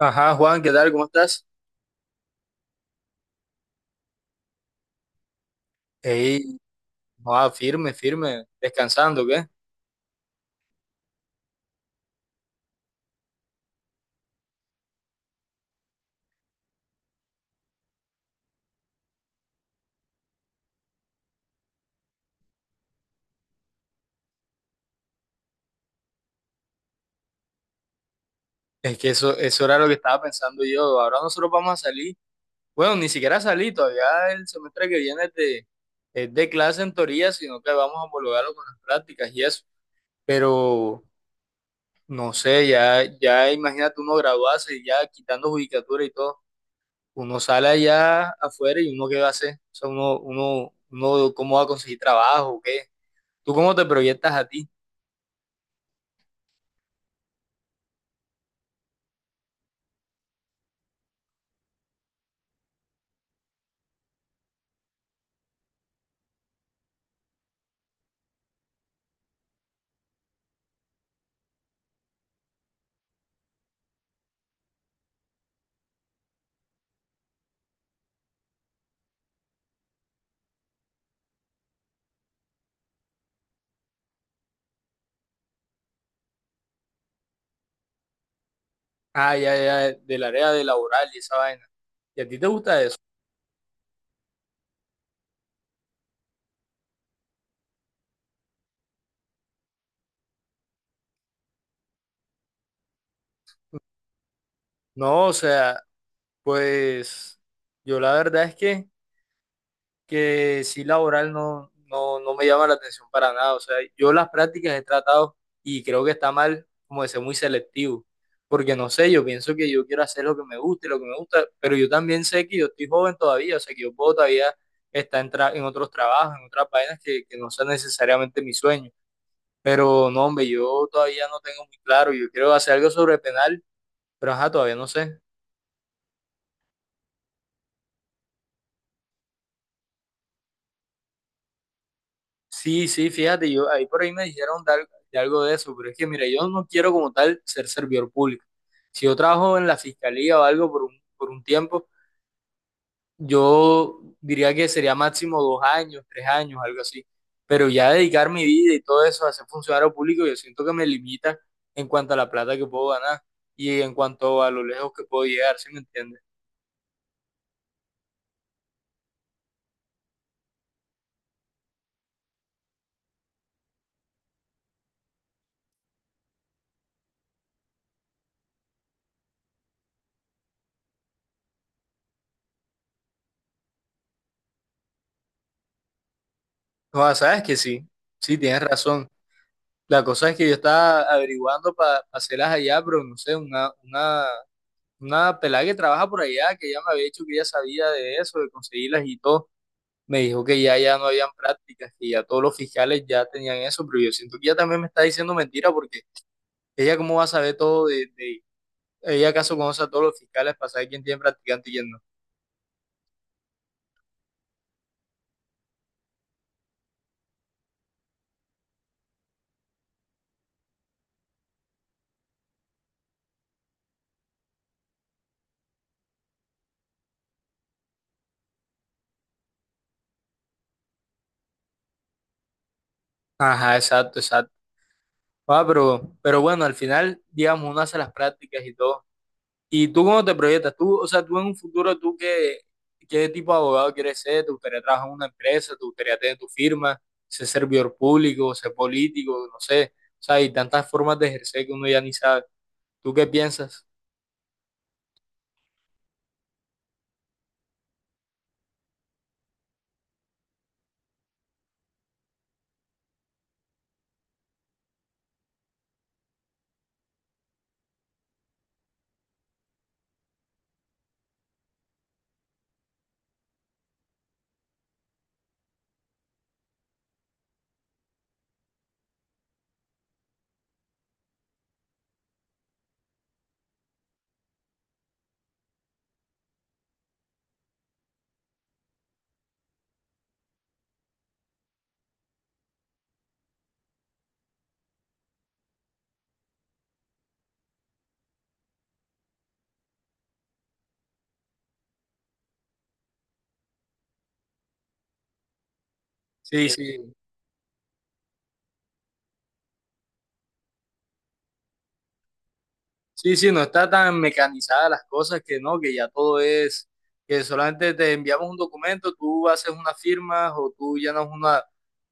Ajá, Juan, ¿qué tal? ¿Cómo estás? Ey, ah, firme, firme, descansando, ¿qué? Es que eso era lo que estaba pensando yo. Ahora nosotros vamos a salir. Bueno, ni siquiera salí, todavía el semestre que viene es de clase en teoría, sino que vamos a homologarlo con las prácticas y eso. Pero, no sé, ya, ya imagínate uno graduarse y ya quitando judicatura y todo. Uno sale allá afuera y uno qué va a hacer. O sea, uno, ¿cómo va a conseguir trabajo? ¿Qué? ¿Tú cómo te proyectas a ti? Ah, ya, ya, del área de laboral y esa vaina. ¿Y a ti te gusta eso? No, o sea, pues yo la verdad es que, sí, laboral no, no, no me llama la atención para nada. O sea, yo las prácticas he tratado y creo que está mal como de ser muy selectivo. Porque no sé, yo pienso que yo quiero hacer lo que me guste, lo que me gusta, pero yo también sé que yo estoy joven todavía, o sea, que yo puedo todavía estar en otros trabajos, en otras vainas que no sean necesariamente mi sueño. Pero no, hombre, yo todavía no tengo muy claro. Yo quiero hacer algo sobre penal, pero ajá, todavía no sé. Sí, sí, fíjate, yo ahí por ahí me dijeron de algo de eso, pero es que mira, yo no quiero como tal ser servidor público. Si yo trabajo en la fiscalía o algo por un tiempo, yo diría que sería máximo 2 años, 3 años, algo así. Pero ya dedicar mi vida y todo eso a ser funcionario público, yo siento que me limita en cuanto a la plata que puedo ganar y en cuanto a lo lejos que puedo llegar, ¿sí me entiendes? No, sabes que sí, sí, tienes razón. La cosa es que yo estaba averiguando para hacerlas allá, pero no sé, una pelada que trabaja por allá, que ya me había dicho que ya sabía de eso, de conseguirlas y todo, me dijo que ya, ya no habían prácticas, que ya todos los fiscales ya tenían eso, pero yo siento que ella también me está diciendo mentira porque ella cómo va a saber todo. Ella acaso conoce a todos los fiscales para saber quién tiene practicante y quién no. Ajá, exacto, exacto. Ah, pero bueno, al final, digamos, uno hace las prácticas y todo. ¿Y tú cómo te proyectas? Tú, o sea, tú en un futuro, ¿tú qué, tipo de abogado quieres ser? ¿Te gustaría trabajar en una empresa? ¿Te gustaría tener tu firma? ¿Ser servidor público? ¿Ser político? No sé. O sea, hay tantas formas de ejercer que uno ya ni sabe. ¿Tú qué piensas? Sí, sí. Sí, sí, no está tan mecanizada las cosas que no, que ya todo es, que solamente te enviamos un documento, tú haces unas firmas o tú llenas una,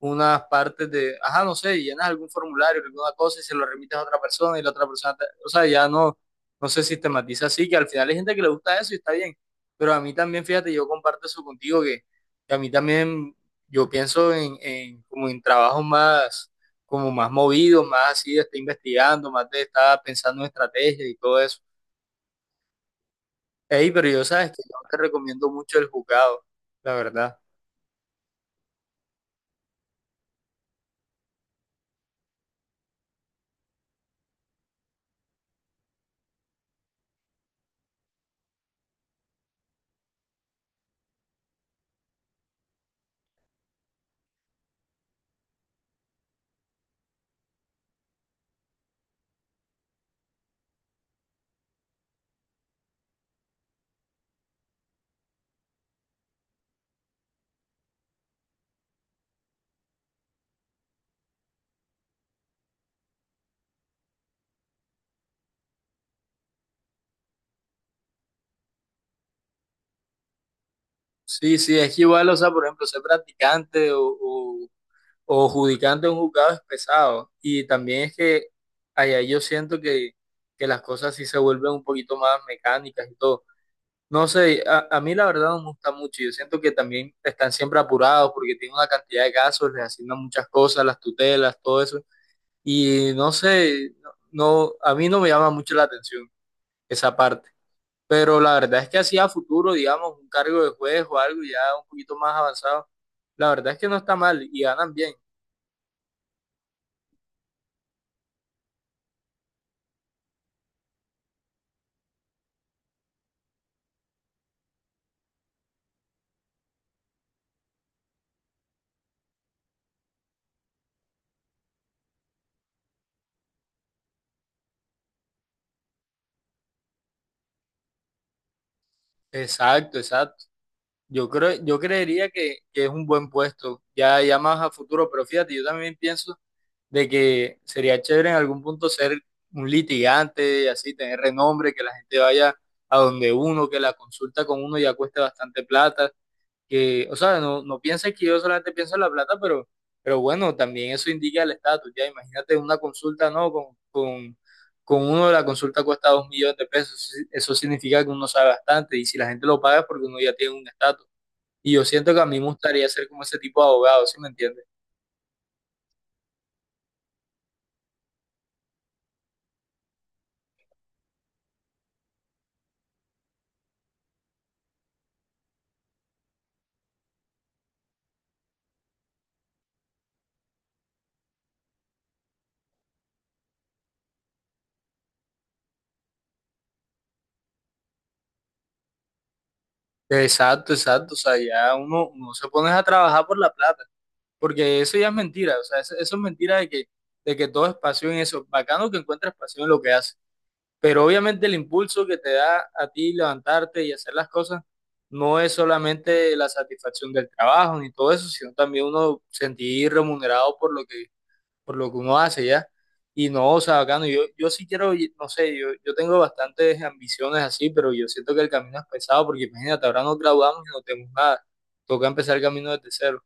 unas partes de, ajá, no sé, llenas algún formulario, alguna cosa y se lo remites a otra persona y la otra persona, o sea, ya no, no se sistematiza así, que al final hay gente que le gusta eso y está bien, pero a mí también, fíjate, yo comparto eso contigo, que, a mí también, yo pienso en como en trabajos más como más movido, más así de estar investigando, más de estar pensando en estrategias y todo eso. Ey, pero yo sabes que yo no te recomiendo mucho el jugado, la verdad. Sí, sí, es que igual, o sea, por ejemplo, ser practicante o judicante de un juzgado es pesado. Y también es que allá yo siento que las cosas sí se vuelven un poquito más mecánicas y todo. No sé, a mí la verdad no me gusta mucho. Yo siento que también están siempre apurados porque tienen una cantidad de casos, les asignan muchas cosas, las tutelas, todo eso. Y no sé, no, a mí no me llama mucho la atención esa parte. Pero la verdad es que así a futuro, digamos, un cargo de juez o algo ya un poquito más avanzado, la verdad es que no está mal y ganan bien. Exacto, exacto. Yo creo, yo creería que, es un buen puesto, ya, ya más a futuro, pero fíjate, yo también pienso de que sería chévere en algún punto ser un litigante, así tener renombre, que la gente vaya a donde uno, que la consulta con uno ya cueste bastante plata que, o sea, no, no pienses que yo solamente pienso en la plata, pero bueno, también eso indica el estatus, ya imagínate una consulta, ¿no? con uno la consulta cuesta 2 millones de pesos, eso significa que uno sabe bastante y si la gente lo paga es porque uno ya tiene un estatus. Y yo siento que a mí me gustaría ser como ese tipo de abogado, ¿sí me entiendes? Exacto, exacto, o sea, ya uno, uno se pone a trabajar por la plata, porque eso ya es mentira, o sea, eso es mentira de que, todo es pasión en eso, bacano que encuentra pasión en lo que hace. Pero obviamente el impulso que te da a ti levantarte y hacer las cosas no es solamente la satisfacción del trabajo ni todo eso, sino también uno sentir remunerado por lo que, por, lo que uno hace ya. Y no, o sea, bacano, yo, sí quiero, no sé, yo tengo bastantes ambiciones así, pero yo siento que el camino es pesado porque imagínate, ahora nos graduamos y no tenemos nada. Toca empezar el camino desde cero.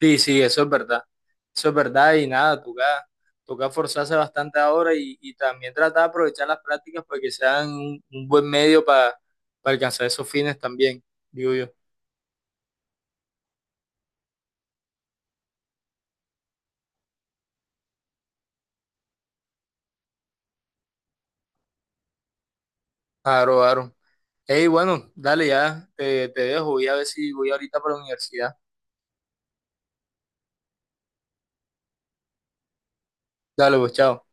Sí, sí, eso es verdad. Eso es verdad y nada, toca, forzarse bastante ahora y también tratar de aprovechar las prácticas para que sean un buen medio para, alcanzar esos fines también, digo yo. Claro, claro. Hey, bueno, dale ya, te dejo, voy a ver si voy ahorita para la universidad. Dale, pues, chao.